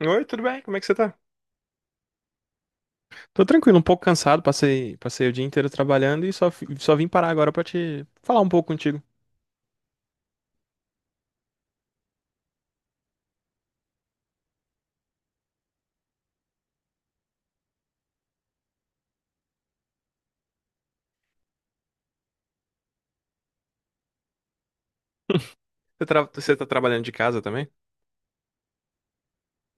Oi, tudo bem? Como é que você tá? Tô tranquilo, um pouco cansado, passei o dia inteiro trabalhando e só vim parar agora pra te falar um pouco contigo. Você tá trabalhando de casa também?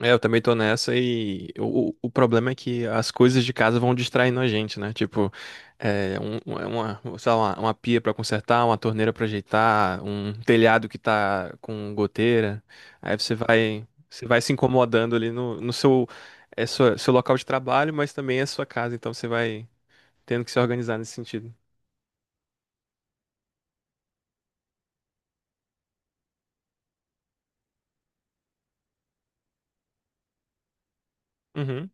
É, eu também tô nessa e o problema é que as coisas de casa vão distraindo a gente, né? Tipo, é uma, sei lá, uma pia pra consertar, uma torneira pra ajeitar, um telhado que tá com goteira. Aí você vai se incomodando ali no seu, seu local de trabalho, mas também é sua casa, então você vai, tendo que se organizar nesse sentido. Uhum.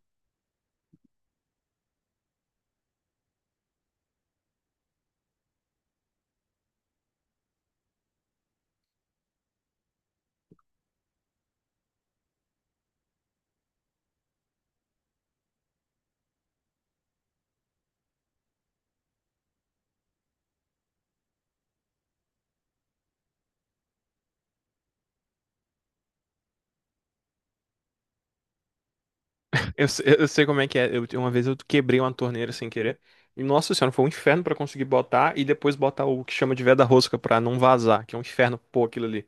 Eu, se- eu sei como é que é. Uma vez eu quebrei uma torneira sem querer. E, nossa senhora, foi um inferno pra conseguir botar e depois botar o que chama de veda rosca pra não vazar, que é um inferno pôr aquilo ali.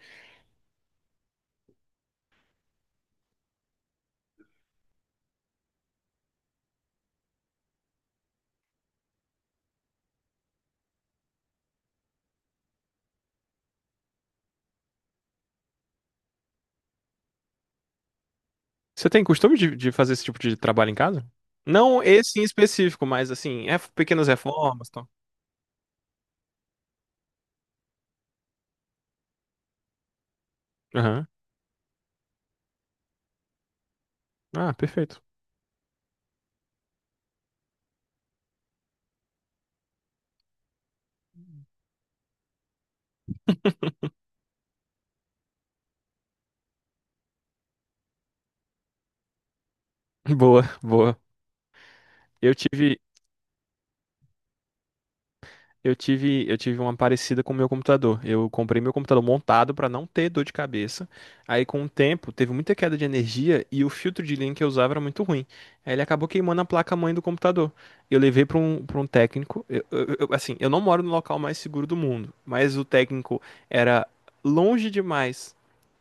Você tem costume de fazer esse tipo de trabalho em casa? Não esse em específico, mas assim, é pequenas reformas, e tal. Aham. Ah, perfeito. Boa, boa. Eu tive, eu tive uma parecida com o meu computador. Eu comprei meu computador montado para não ter dor de cabeça. Aí, com o tempo, teve muita queda de energia e o filtro de linha que eu usava era muito ruim. Aí ele acabou queimando a placa-mãe do computador. Eu levei para um técnico. Assim, eu não moro no local mais seguro do mundo, mas o técnico era longe demais.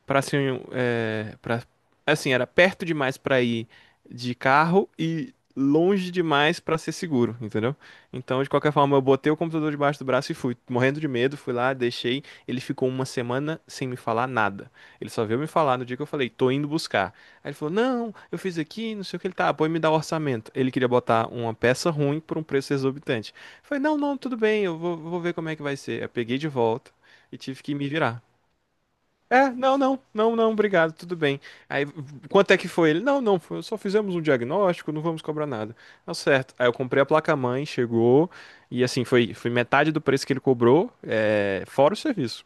Pra assim, um, é, pra, assim, Era perto demais pra ir de carro e longe demais pra ser seguro, entendeu? Então, de qualquer forma, eu botei o computador debaixo do braço e fui, morrendo de medo, fui lá, deixei. Ele ficou uma semana sem me falar nada. Ele só veio me falar no dia que eu falei: "Tô indo buscar". Aí ele falou: "Não, eu fiz aqui, não sei o que ele tá". Pô, me dá o orçamento. Ele queria botar uma peça ruim por um preço exorbitante. Eu falei: "Não, não, tudo bem, eu vou, ver como é que vai ser". Eu peguei de volta e tive que me virar. É, não, não, não, não, obrigado, tudo bem. Aí, quanto é que foi ele? Não, não, só fizemos um diagnóstico, não vamos cobrar nada. Tá certo. Aí eu comprei a placa-mãe, chegou, e assim, foi metade do preço que ele cobrou, é, fora o serviço.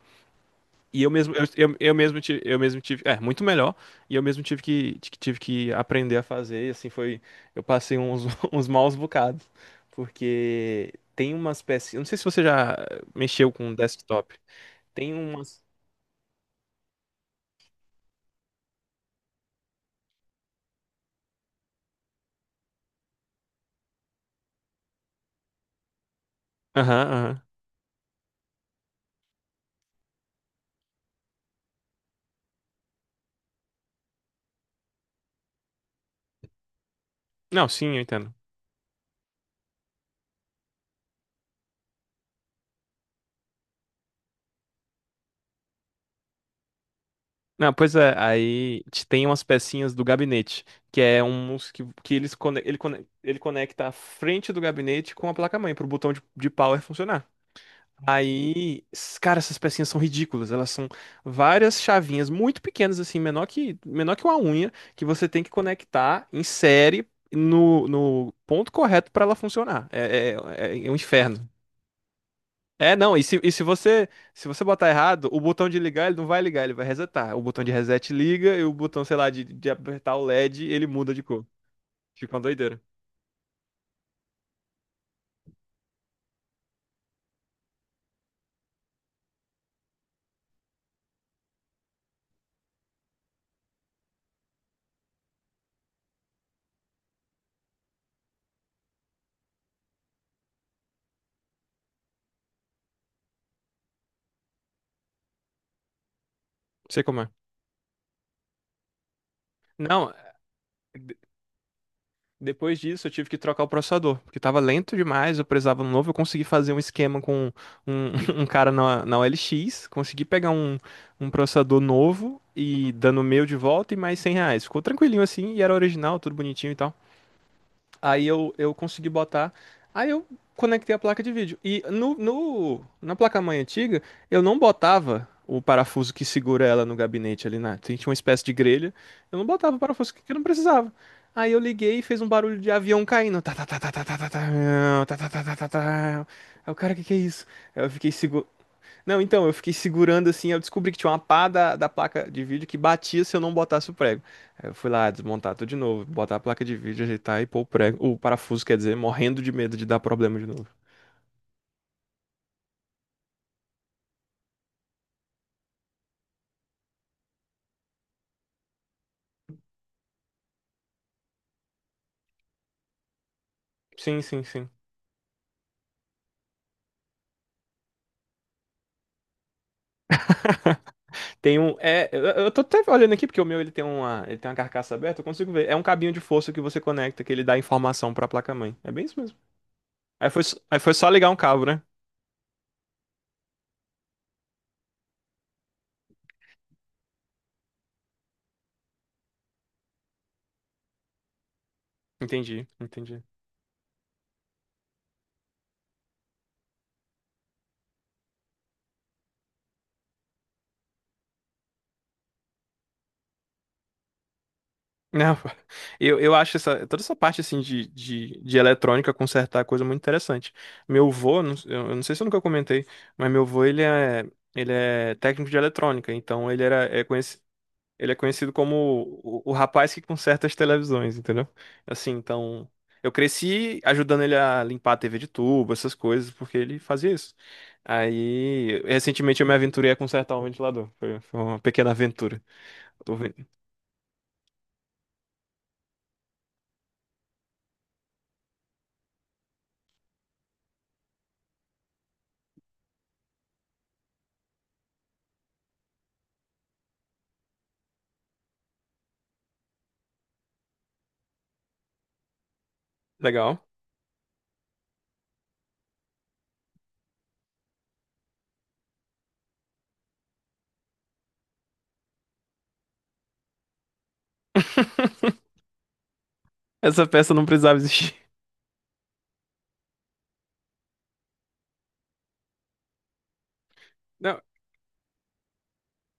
E eu mesmo, eu, eu mesmo tive muito melhor, e eu mesmo tive que, tive que aprender a fazer, e assim, foi, eu passei uns, uns maus bocados, porque tem umas peças, eu não sei se você já mexeu com desktop, tem umas. Aham, aham. Não, sim, eu entendo. Não, pois é, tem umas pecinhas do gabinete, que é um uns que ele conecta a frente do gabinete com a placa-mãe, pro botão de power funcionar. Aí, cara, essas pecinhas são ridículas. Elas são várias chavinhas muito pequenas, assim, menor que uma unha, que você tem que conectar em série no ponto correto para ela funcionar. É um inferno. É, não, e se você botar errado, o botão de ligar, ele não vai ligar, ele vai resetar. O botão de reset liga e o botão, sei lá, de apertar o LED, ele muda de cor. Fica uma doideira. Não sei como é. Não, Depois disso, eu tive que trocar o processador, porque tava lento demais, eu precisava de um novo. Eu consegui fazer um esquema com um, um cara na, OLX, consegui pegar um processador novo e dando o meu de volta e mais 100 reais. Ficou tranquilinho assim, e era original, tudo bonitinho e tal. Aí eu consegui botar. Aí eu conectei a placa de vídeo. E na placa-mãe antiga, eu não botava o parafuso que segura ela no gabinete ali na. Tinha uma espécie de grelha. Eu não botava o parafuso que eu não precisava. Aí eu liguei e fez um barulho de avião caindo. Tá, tá, tá, tá, tá, tá, tá, tá, tá, tá, tá, tá, tá, tá, tá, tá. Aí o cara, o que que é isso? Aí eu fiquei seguro. Não, então, eu fiquei segurando assim, eu descobri que tinha uma pá da placa de vídeo que batia se eu não botasse o prego. Aí eu fui lá desmontar tudo de novo, botar a placa de vídeo, ajeitar e pôr o prego, o parafuso, quer dizer, morrendo de medo de dar problema de novo. Sim, sim, sim. Tem um, é, eu tô até olhando aqui porque o meu ele tem uma carcaça aberta, eu consigo ver. É um cabinho de força que você conecta que ele dá informação pra placa-mãe. É bem isso mesmo. Aí foi só ligar um cabo, né? Entendi, entendi. Não, eu acho essa, toda essa parte assim de eletrônica consertar é coisa muito interessante. Meu avô, eu não sei se eu nunca comentei, mas meu avô ele é, técnico de eletrônica, então ele era, é conhecido, ele é conhecido como o rapaz que conserta as televisões, entendeu? Assim, então eu cresci ajudando ele a limpar a TV de tubo, essas coisas, porque ele fazia isso. Aí, recentemente eu me aventurei a consertar um ventilador. Foi uma pequena aventura. Tô vendo. Legal. Essa peça não precisava existir. Não,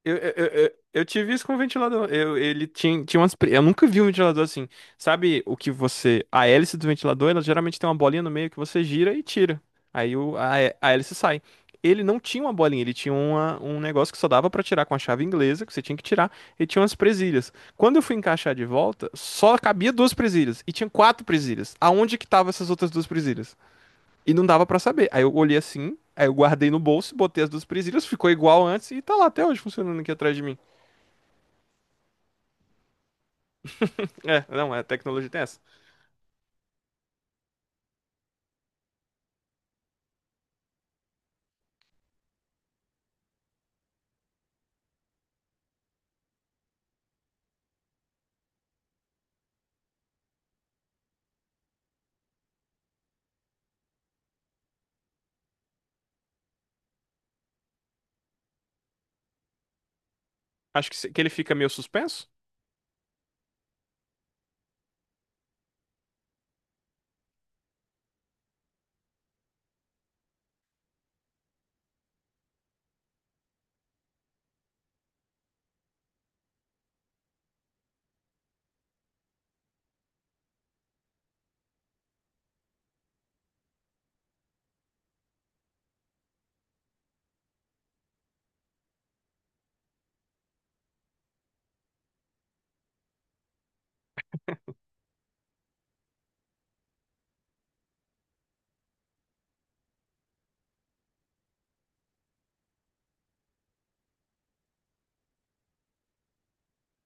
eu tive isso com o ventilador. Ele tinha umas. Eu nunca vi um ventilador assim. Sabe o que você. A hélice do ventilador, ela geralmente tem uma bolinha no meio que você gira e tira. Aí a hélice sai. Ele não tinha uma bolinha, ele tinha uma, um negócio que só dava pra tirar com a chave inglesa, que você tinha que tirar, e tinha umas presilhas. Quando eu fui encaixar de volta, só cabia duas presilhas, e tinha quatro presilhas. Aonde que estavam essas outras duas presilhas? E não dava pra saber. Aí eu olhei assim, aí eu guardei no bolso, botei as duas presilhas, ficou igual antes e tá lá até hoje funcionando aqui atrás de mim. É, não, é, a tecnologia tem essa. Acho que, se- que ele fica meio suspenso.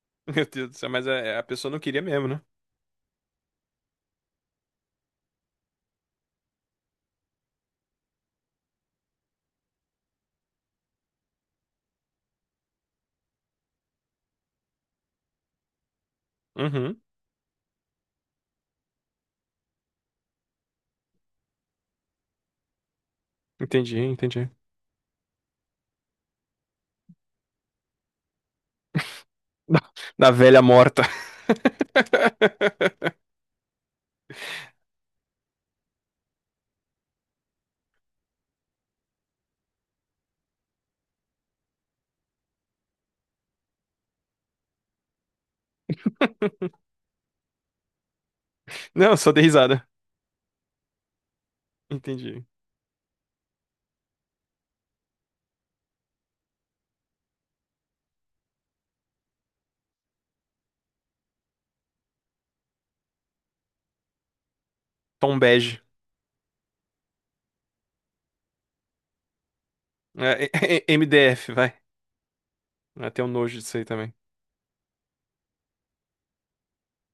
Meu Deus do céu, mas a pessoa não queria mesmo, né? Uhum, entendi, entendi. Da, da velha morta. Não, só dei risada. Entendi. Tom bege. É, é, é, MDF, vai. Até um nojo disso aí também.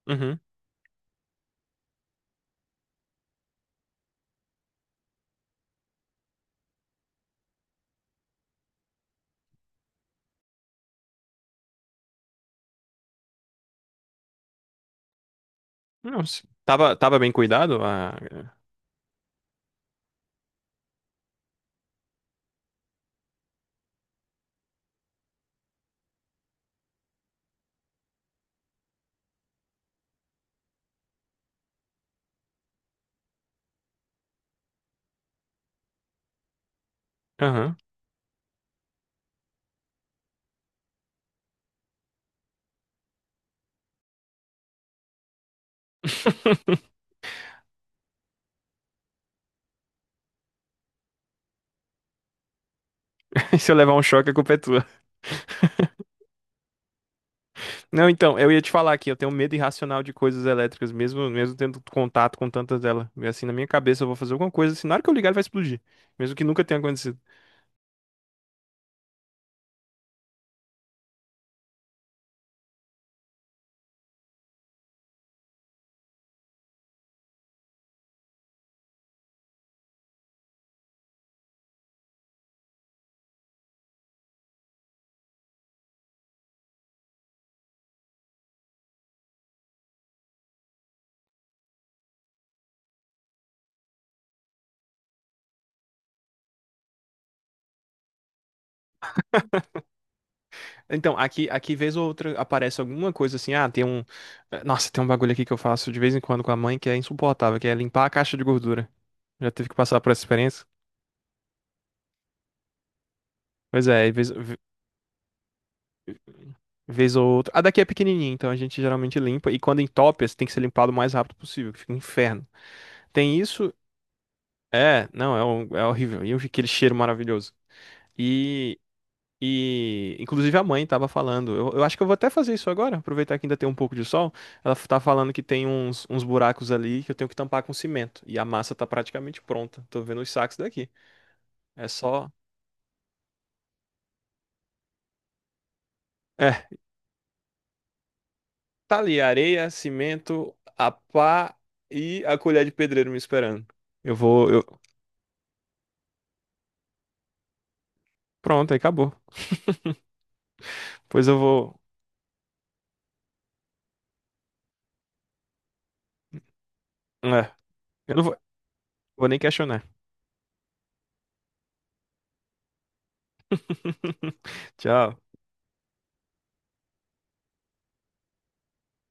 Uhum. Não, tava bem cuidado? Ah, é. Aham. Se eu levar um choque, a culpa é tua. Não, então, eu ia te falar aqui, eu tenho medo irracional de coisas elétricas, mesmo, mesmo tendo contato com tantas delas. E assim, na minha cabeça, eu vou fazer alguma coisa, assim, na hora que eu ligar, ele vai explodir. Mesmo que nunca tenha acontecido. Então, aqui, vez ou outra, aparece alguma coisa assim, ah, tem um. Nossa, tem um bagulho aqui que eu faço de vez em quando com a mãe que é insuportável, que é limpar a caixa de gordura. Já teve que passar por essa experiência? Pois é, e vez ou outra. A daqui é pequenininha, então a gente geralmente limpa. E quando entope, assim, tem que ser limpado o mais rápido possível, que fica um inferno. Tem isso. É, não, é horrível. E eu vi aquele cheiro maravilhoso. E, e inclusive a mãe tava falando. Eu acho que eu vou até fazer isso agora, aproveitar que ainda tem um pouco de sol. Ela tá falando que tem uns, buracos ali que eu tenho que tampar com cimento. E a massa tá praticamente pronta. Tô vendo os sacos daqui. É só. É, tá ali, areia, cimento, a pá e a colher de pedreiro me esperando. Eu vou. Eu... Pronto, aí acabou. Pois eu vou. É, eu não vou nem questionar. Tchau.